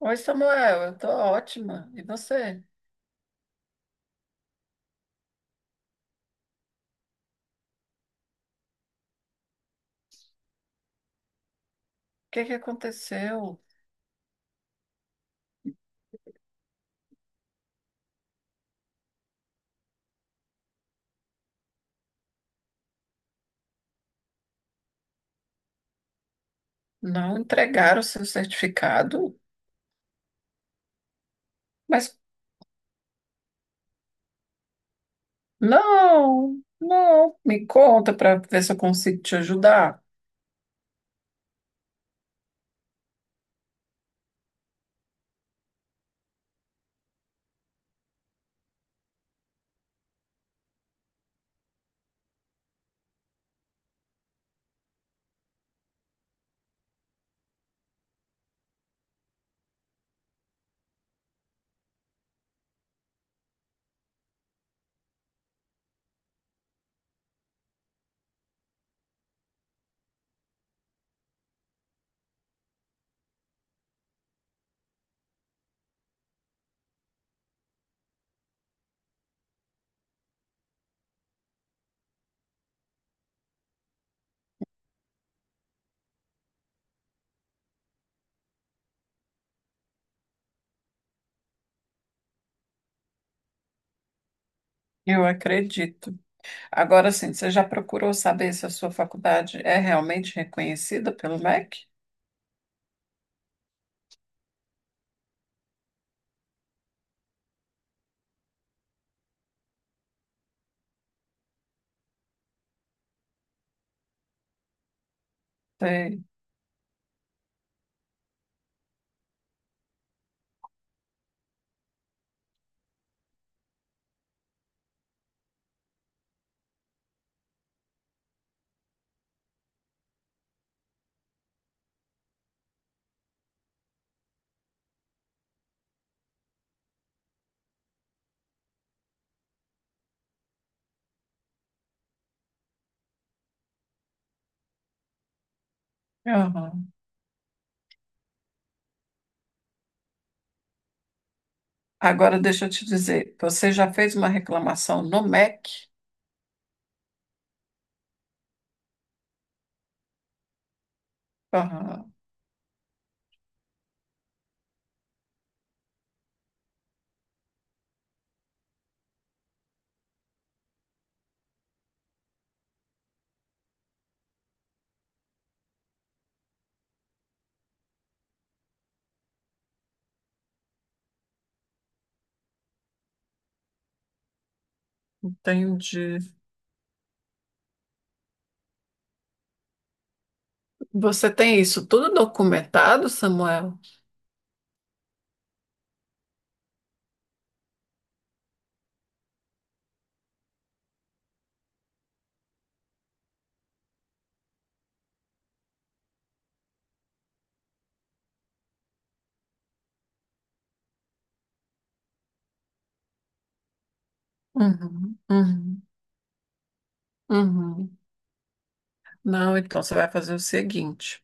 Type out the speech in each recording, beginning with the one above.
Oi, Samuel, eu tô ótima. E você? O que que aconteceu? Não entregaram o seu certificado? Mas não, não. Me conta para ver se eu consigo te ajudar. Eu acredito. Agora sim, você já procurou saber se a sua faculdade é realmente reconhecida pelo MEC? Sei. Aham. Agora deixa eu te dizer, você já fez uma reclamação no MEC? Aham, entendi. Você tem isso tudo documentado, Samuel? Uhum, uhum, uhum. Não, então você vai fazer o seguinte: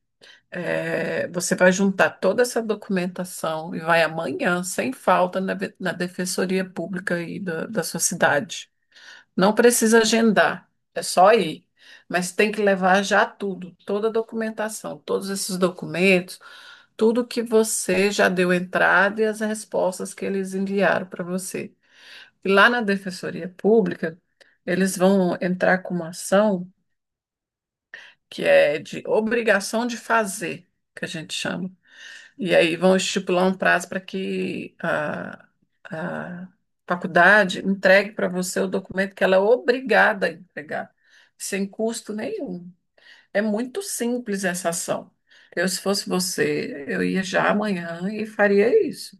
você vai juntar toda essa documentação e vai amanhã, sem falta, na Defensoria Pública aí da sua cidade. Não precisa agendar, é só ir. Mas tem que levar já tudo, toda a documentação, todos esses documentos, tudo que você já deu entrada e as respostas que eles enviaram para você. E lá na Defensoria Pública, eles vão entrar com uma ação, que é de obrigação de fazer, que a gente chama. E aí vão estipular um prazo para que a faculdade entregue para você o documento que ela é obrigada a entregar, sem custo nenhum. É muito simples essa ação. Eu, se fosse você, eu ia já amanhã e faria isso.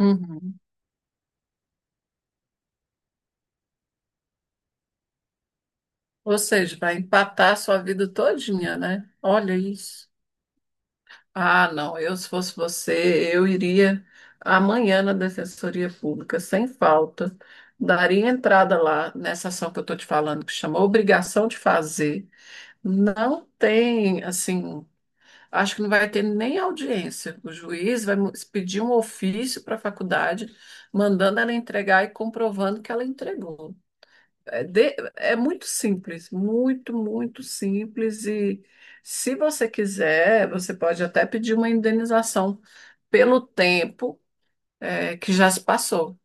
Uhum. Ou seja, vai empatar a sua vida todinha, né? Olha isso. Ah, não, eu se fosse você, eu iria amanhã na Defensoria Pública, sem falta, daria entrada lá nessa ação que eu estou te falando, que chama obrigação de fazer. Não tem, assim, acho que não vai ter nem audiência. O juiz pedir um ofício para a faculdade, mandando ela entregar e comprovando que ela entregou. É muito simples, muito simples. E se você quiser, você pode até pedir uma indenização pelo tempo, que já se passou.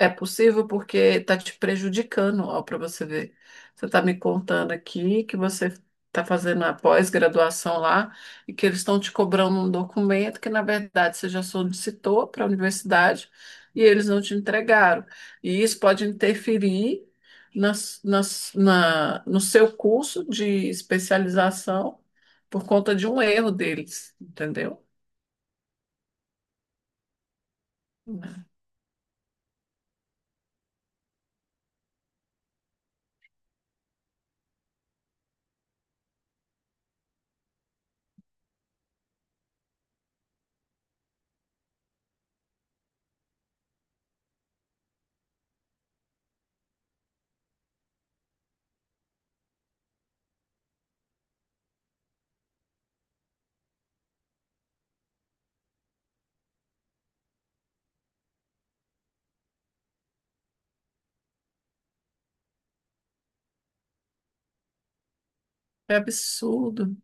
É possível porque está te prejudicando, ó, para você ver. Você está me contando aqui que você está fazendo a pós-graduação lá e que eles estão te cobrando um documento que, na verdade, você já solicitou para a universidade e eles não te entregaram. E isso pode interferir no seu curso de especialização por conta de um erro deles, entendeu? É absurdo.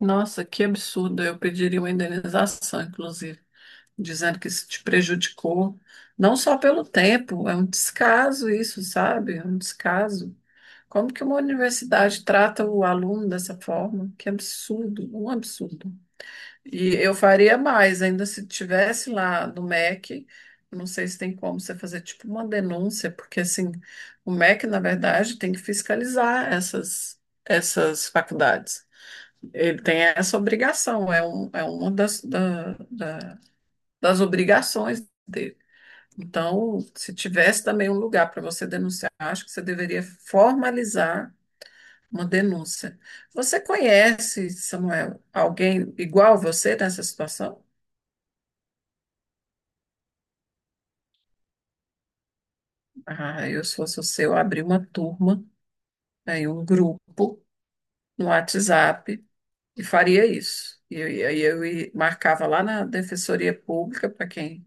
Nossa, que absurdo. Eu pediria uma indenização, inclusive, dizendo que isso te prejudicou, não só pelo tempo, é um descaso isso, sabe? É um descaso. Como que uma universidade trata o aluno dessa forma? Que absurdo, um absurdo. E eu faria mais, ainda se tivesse lá no MEC, não sei se tem como você fazer tipo uma denúncia, porque assim, o MEC, na verdade, tem que fiscalizar essas faculdades. Ele tem essa obrigação, é uma das obrigações dele. Então, se tivesse também um lugar para você denunciar, acho que você deveria formalizar uma denúncia. Você conhece, Samuel, alguém igual a você nessa situação? Ah, eu, se fosse você, eu abri uma turma, aí um grupo no WhatsApp e faria isso. E eu, e aí eu, ia- Marcava lá na Defensoria Pública para quem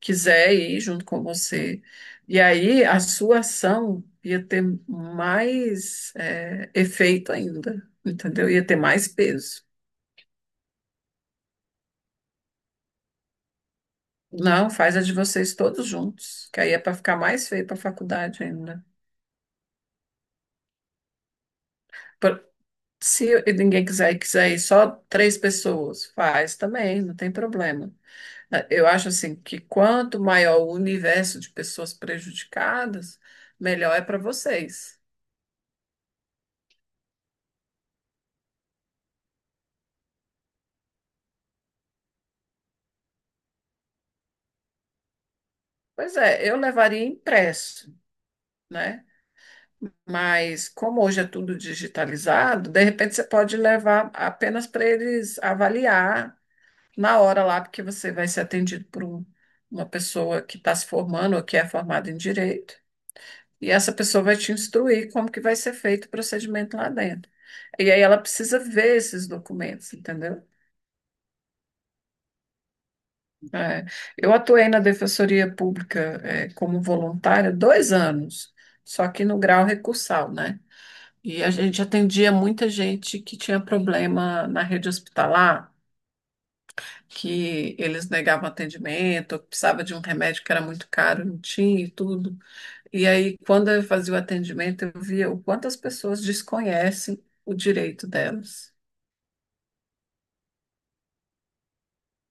quiser ir junto com você. E aí a sua ação ia ter mais, efeito ainda, entendeu? Ia ter mais peso. Não, faz a de vocês todos juntos, que aí é para ficar mais feio para a faculdade ainda. Por- Se ninguém quiser e quiser ir só três pessoas, faz também, não tem problema. Eu acho assim que, quanto maior o universo de pessoas prejudicadas, melhor é para vocês. Pois é, eu levaria impresso, né? Mas como hoje é tudo digitalizado, de repente você pode levar apenas para eles avaliar na hora lá, porque você vai ser atendido por uma pessoa que está se formando ou que é formada em direito, e essa pessoa vai te instruir como que vai ser feito o procedimento lá dentro. E aí ela precisa ver esses documentos, entendeu? É, eu atuei na Defensoria Pública, como voluntária 2 anos, só que no grau recursal, né? E a gente atendia muita gente que tinha problema na rede hospitalar, que eles negavam atendimento, ou que precisava de um remédio que era muito caro, não tinha e tudo. E aí, quando eu fazia o atendimento, eu via o quanto as pessoas desconhecem o direito delas.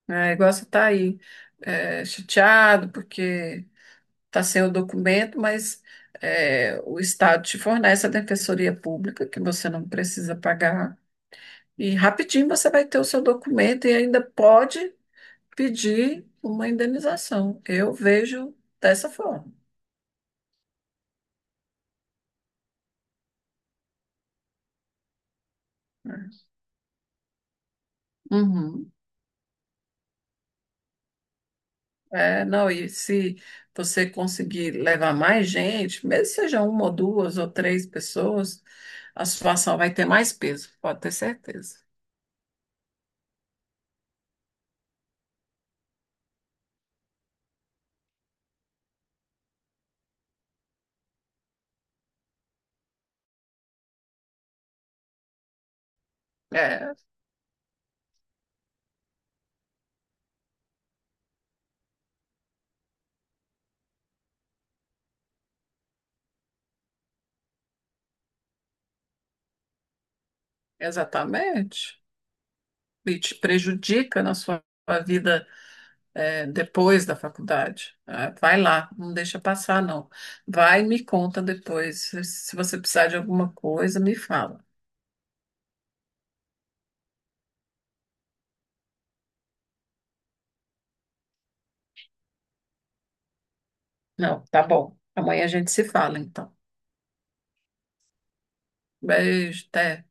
Né? É igual você está aí, chateado porque tá sem o documento, mas o Estado te fornece a defensoria pública, que você não precisa pagar. E rapidinho você vai ter o seu documento e ainda pode pedir uma indenização. Eu vejo dessa forma. Né? Uhum. É, não, e se você conseguir levar mais gente, mesmo que seja uma ou duas ou três pessoas, a situação vai ter mais peso, pode ter certeza. É, exatamente. E te prejudica na sua vida, depois da faculdade. Ah, vai lá, não deixa passar, não. Vai e me conta depois. Se você precisar de alguma coisa, me fala. Não, tá bom. Amanhã a gente se fala, então. Beijo, até.